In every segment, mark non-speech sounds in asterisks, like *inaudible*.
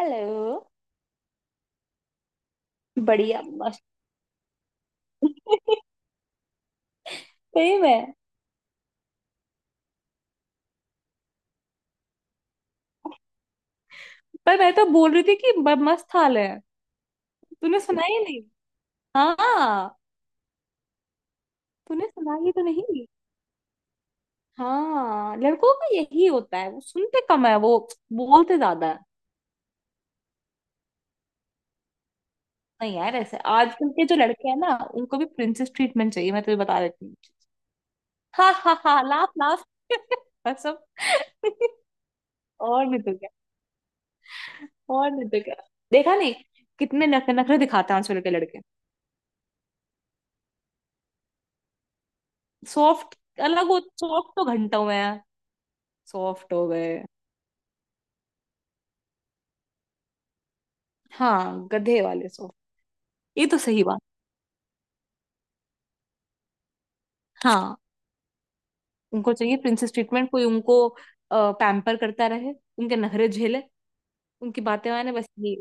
Hello. बढ़िया मस्त। सही में। पर मैं तो बोल रही थी कि मस्त हाल है। तूने सुना ही नहीं। हाँ, तूने सुना ही तो नहीं। हाँ, लड़कों का यही होता है, वो सुनते कम है, वो बोलते ज्यादा है। नहीं यार, ऐसे आजकल के जो लड़के हैं ना, उनको भी प्रिंसेस ट्रीटमेंट चाहिए, मैं तुझे बता देती हूँ। हाँ हाँ हाँ, लाफ लाफ। *laughs* सब। और नहीं तो क्या। और नहीं तो क्या। देखा नहीं। कितने नखरे नखरे दिखाते हैं आजकल के लड़के। सॉफ्ट। अलग, वो सॉफ्ट तो घंटों में है। सॉफ्ट हो गए। हाँ, गधे वाले सॉफ्ट। ये तो सही बात। हाँ। उनको चाहिए प्रिंसेस ट्रीटमेंट, कोई उनको पैम्पर करता रहे, उनके नखरे झेले, उनकी बातें माने, बस ये।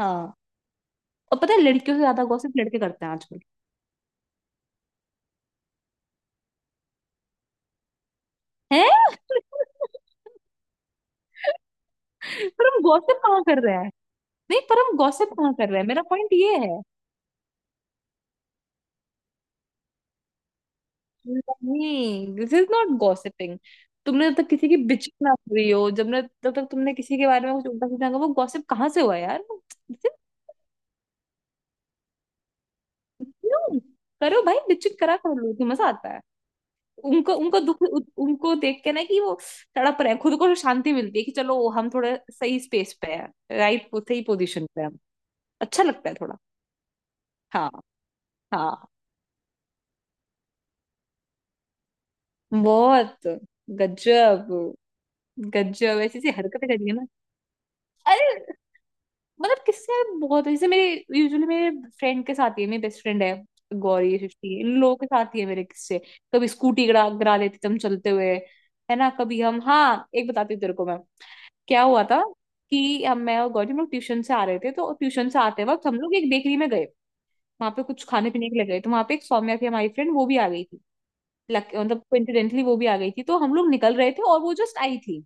हाँ। और पता है, लड़कियों से ज्यादा गॉसिप लड़के करते हैं आजकल। हैं। *laughs* पर हम गॉसिप कहाँ कर रहे हैं। नहीं, पर हम गॉसिप कहाँ कर रहे हैं, मेरा पॉइंट ये है। नहीं, दिस इज नॉट गॉसिपिंग। तुमने जब तक किसी की बिचिंग ना करी हो, जब तक तुमने किसी के बारे में कुछ उल्टा सीधा कहा, वो गॉसिप कहाँ से हुआ यार। क्यों? करो भाई, बिचिक करा कर लो तो मजा आता है। उनको उनको दुख उनको देख के ना कि वो तड़प रहे हैं, खुद को शांति मिलती है कि चलो हम थोड़े सही स्पेस पे है। राइट, सही पोजीशन पे हैं हम। अच्छा लगता है थोड़ा। हाँ। हाँ, बहुत। गजब। गजब ऐसी ऐसी हरकतें करिए ना। अरे। मतलब किससे? बहुत, जैसे मेरे, यूजुअली मेरे फ्रेंड के साथ ही है, मेरी बेस्ट फ्रेंड है। गौरी, सृष्टि, इन लोगों के साथ ही है मेरे किस्से। कभी स्कूटी गिरा गिरा लेते थे हम चलते हुए। है ना? कभी हम, हाँ, एक बताती हूँ तेरे को मैं। क्या हुआ था कि हम, मैं और गौरी, हम लोग ट्यूशन से आ रहे थे, तो ट्यूशन से आते वक्त हम लोग एक बेकरी में गए। वहां पे कुछ खाने पीने के लिए गए, तो वहां पे एक सौम्या थी, हमारी फ्रेंड, वो भी आ गई थी। लक मतलब कोइंसिडेंटली वो भी आ गई थी, तो हम लोग निकल रहे थे और वो जस्ट आई थी।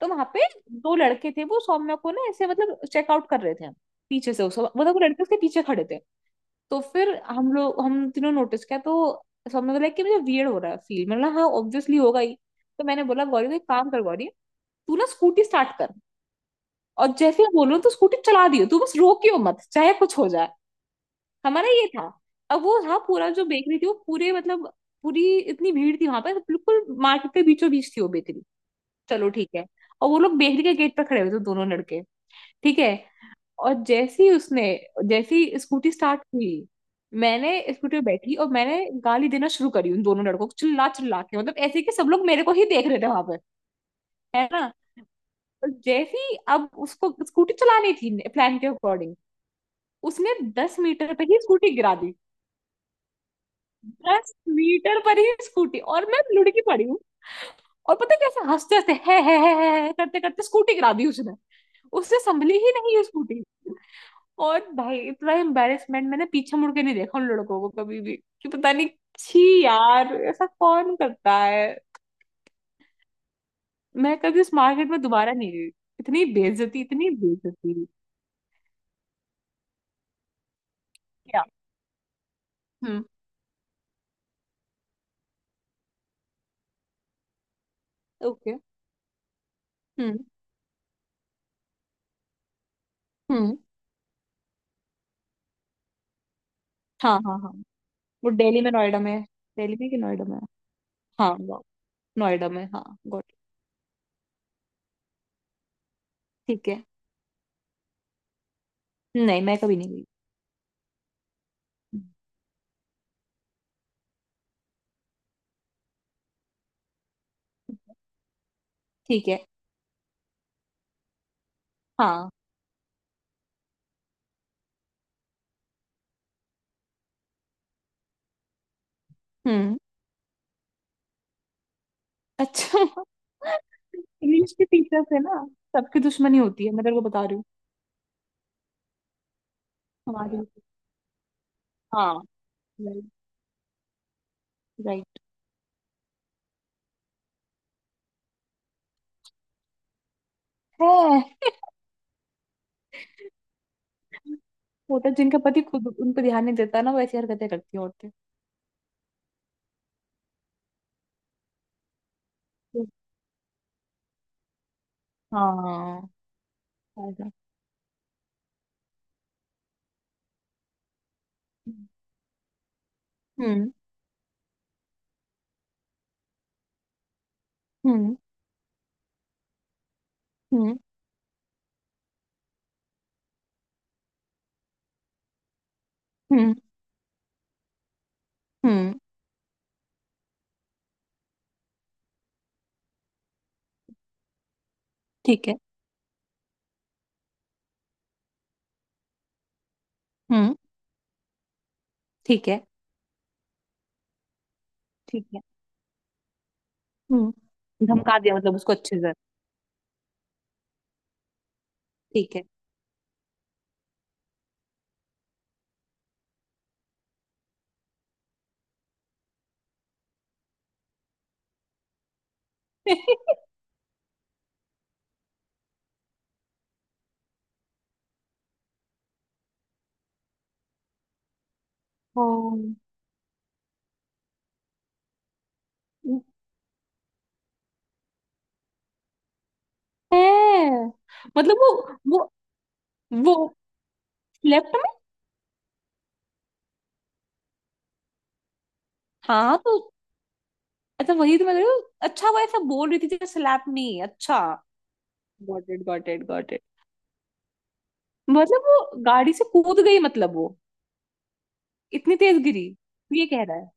तो वहां पे दो लड़के थे, वो सौम्या को ना ऐसे मतलब चेकआउट कर रहे थे। पीछे से उस मतलब वो लड़के उसके पीछे खड़े थे। तो फिर हम तीनों नोटिस किया, तो सौम्या को लगा कि मुझे वियर्ड हो रहा है फील, मैंने बोला हाँ ऑब्वियसली होगा ही। तो मैंने बोला गौरी, तू एक काम कर गौरी, तू ना स्कूटी स्टार्ट कर। और जैसे मैं बोलूं तो स्कूटी चला दियो तू, बस रोकियो मत चाहे कुछ हो जाए। हमारा ये था। अब वो था पूरा, जो बेकरी थी वो पूरे मतलब पूरी इतनी भीड़ थी वहां पर, बिल्कुल मार्केट के बीचों बीच थी वो बेकरी। चलो ठीक है। और वो लोग बेकरी के गेट पर खड़े हुए थे दोनों लड़के। ठीक है। और जैसे ही स्कूटी स्टार्ट हुई, मैंने स्कूटी पे बैठी और मैंने गाली देना शुरू करी उन दोनों लड़कों को चिल्ला चिल्ला के, मतलब ऐसे कि सब लोग मेरे को ही देख रहे थे वहां पे, है ना। और जैसे ही अब उसको स्कूटी चलानी थी प्लान के अकॉर्डिंग, उसने 10 मीटर पर ही स्कूटी गिरा दी। 10 मीटर पर ही स्कूटी, और मैं लुढ़की पड़ी हूँ। और पता है कैसे, हंसते हंसते है करते करते स्कूटी गिरा दी उसने। उससे संभली ही नहीं ये स्कूटी। और भाई इतना एम्बैरेसमेंट, मैंने पीछे मुड़ के नहीं देखा उन लड़कों को कभी भी, कि पता नहीं। छी यार, ऐसा कौन करता है। मैं कभी उस मार्केट में दोबारा नहीं गई। इतनी बेइज्जती, इतनी बेइज्जती। क्या। हम्म। ओके। हम्म। हम्म। हाँ हाँ हाँ। वो दिल्ली में नोएडा में है। दिल्ली में कि नोएडा में है? हाँ, वो नोएडा में। हाँ। Got it. ठीक है। नहीं मैं कभी नहीं गई। हम्म। ठीक है। हाँ। हम्म। अच्छा। *laughs* इंग्लिश के टीचर से ना सबकी दुश्मनी होती है, मैं तेरे को बता रही हूँ। हमारी। हाँ। राइट। राइट। है। होता है, जिनका पति खुद उन पर ध्यान नहीं देता ना, वो ऐसी हरकतें करती हैं औरतें। हाँ। ऐसा। हम्म हम्म हम्म हम्म हम्म। ठीक है। हम्म। ठीक है। ठीक है। हम्म। धमका दिया मतलब उसको अच्छे से। ठीक है। *laughs* हाँ। है। मतलब वो वो स्लैप्ड में। हाँ तो, अच्छा वही तो मैं कह रही हूँ। अच्छा, वो ऐसा बोल रही थी जैसे स्लैप नहीं। अच्छा। Got it, got it, got it. मतलब वो गाड़ी से कूद गई मतलब वो इतनी तेज गिरी, तो ये कह रहा है।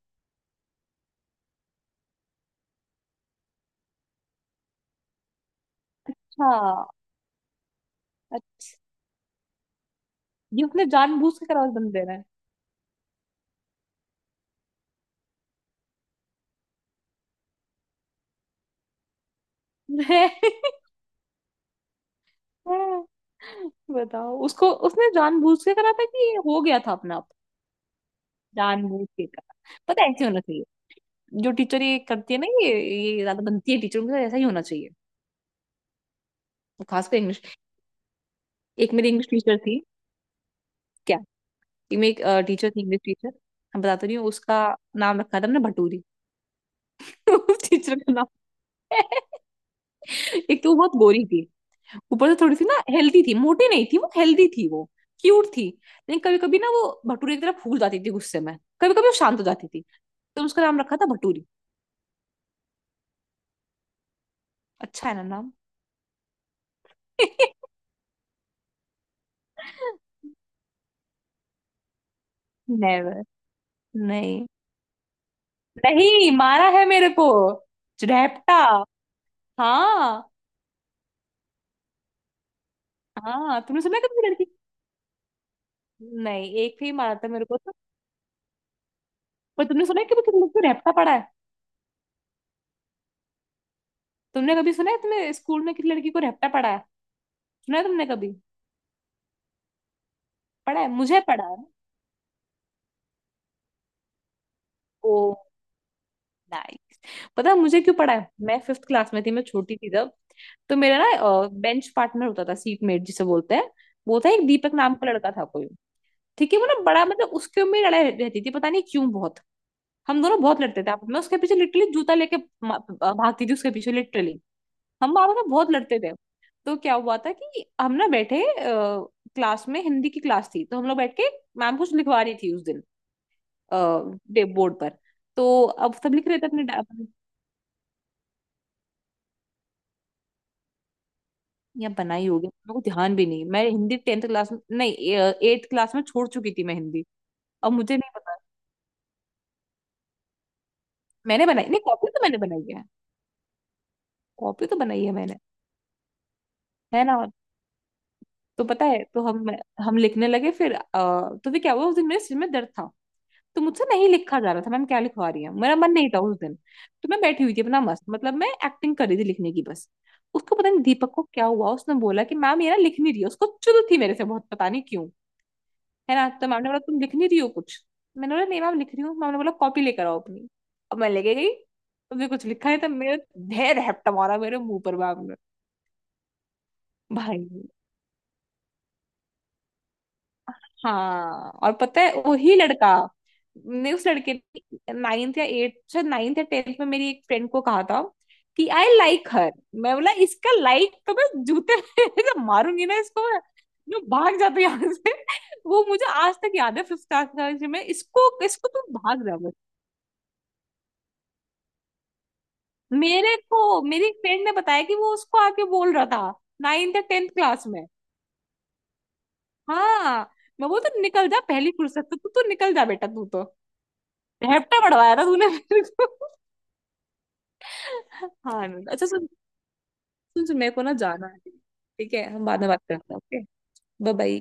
हाँ। अच्छा, ये उसने जानबूझ के करारा बंद दे रहा है। *laughs* बताओ, उसको उसने जानबूझ के करा था कि ये हो गया था अपना आप। जानबूझ के करा। पता है, ऐसे होना चाहिए। जो टीचर ये करती है ना, ये ज्यादा बनती है टीचर, उनके साथ ऐसा ही होना चाहिए। खासकर इंग्लिश। एक मेरी इंग्लिश टीचर थी। क्या? कि मैं, एक मेरी टीचर थी इंग्लिश टीचर, मैं बताती रही हूँ उसका। नाम रखा था हमने भटूरी। *laughs* उस टीचर का नाम। *laughs* एक तो वो बहुत गोरी थी, ऊपर से थोड़ी सी ना हेल्दी थी, मोटी नहीं थी वो, हेल्दी थी वो, क्यूट थी। लेकिन कभी कभी ना वो भटूरे की तरह फूल जाती थी गुस्से में, कभी कभी वो शांत हो जाती थी। तो उसका नाम रखा था भटूरी। अच्छा है ना नाम। *laughs* नेवर। नहीं। नहीं मारा है मेरे को रैप्टा। हाँ। हाँ, तुमने सुना है कभी लड़की। नहीं, एक ही मारा था मेरे को तो। पर तुमने सुना है कभी किसी लड़की को रैप्टा पड़ा है? तुमने कभी सुना है तुम्हें स्कूल में किसी लड़की को रैप्टा पड़ा है? सुना है तुमने कभी? पढ़ा है मुझे, पढ़ा है। ओ, नाइस। पता है मुझे क्यों पढ़ा है? मैं फिफ्थ क्लास में थी, मैं छोटी थी तब। तो मेरा ना बेंच पार्टनर होता था, सीट मेट जिसे बोलते हैं। वो था एक दीपक नाम का लड़का था कोई। ठीक है, वो ना बड़ा मतलब उसके में लड़ाई रहती थी पता नहीं क्यों बहुत। हम दोनों बहुत लड़ते थे आपस में, उसके पीछे लिटरली जूता लेके भागती थी उसके पीछे लिटरली। हम आपस में बहुत लड़ते थे। तो क्या हुआ था कि हम ना बैठे, क्लास में हिंदी की क्लास थी, तो हम लोग बैठ के, मैम कुछ लिखवा रही थी उस दिन डे बोर्ड पर। तो अब सब लिख रहे थे अपने अपने-। यहाँ बनाई होगी, मेरे को ध्यान भी नहीं। मैं हिंदी टेंथ क्लास में नहीं, एट्थ क्लास में छोड़ चुकी थी मैं हिंदी। अब मुझे नहीं पता। मैंने बनाई नहीं कॉपी, तो मैंने बनाई है। कॉपी तो बनाई है मैंने, है ना। तो पता है तो, हम लिखने लगे फिर तो भी क्या हुआ उस दिन मेरे सिर में दर्द था। तो मुझसे नहीं लिखा जा रहा था मैम क्या लिखवा रही है, मेरा मन नहीं था उस दिन, तो मैं बैठी हुई थी अपना मस्त, मतलब मैं एक्टिंग कर रही थी लिखने की बस। उसको पता नहीं दीपक को क्या हुआ, उसने बोला कि मैम ये ना लिख नहीं रही है। उसको चुल थी मेरे से बहुत, पता नहीं क्यों, है ना। तो मैम ने बोला तुम लिख नहीं रही हो कुछ। मैंने बोला नहीं मैम लिख रही हूँ, मैम ने बोला कॉपी लेकर आओ अपनी। अब मैं लेके गई। तुमने कुछ लिखा है? तो मेरा ढेर हैप्टा मारा मेरे मुंह पर मैम ने। भाई। हाँ, और पता है वही लड़का ने उस लड़के ने नाइन्थ या एट शायद नाइन्थ या टेंथ में मेरी एक फ्रेंड को कहा था कि आई लाइक हर। मैं बोला इसका लाइक तो मैं जूते में *laughs* जब मारूंगी ना इसको मैं, जो भाग जाते यहाँ से। वो मुझे आज तक याद है फिफ्थ क्लास में, इसको इसको तू भाग जा बस। मेरे को मेरी फ्रेंड ने बताया कि वो उसको आके बोल रहा था नाइन्थ या टेंथ क्लास में। हाँ, मैं बोल तो निकल जा पहली फुर्सत, तो तू तू निकल जा बेटा, तू तो हेप्टा पढ़वाया था तूने मेरे को। हाँ अनुराग, अच्छा सुन, सुन सुन मेरे को ना जाना है, ठीक है? हम बाद में बात करते हैं, ओके? Bye bye.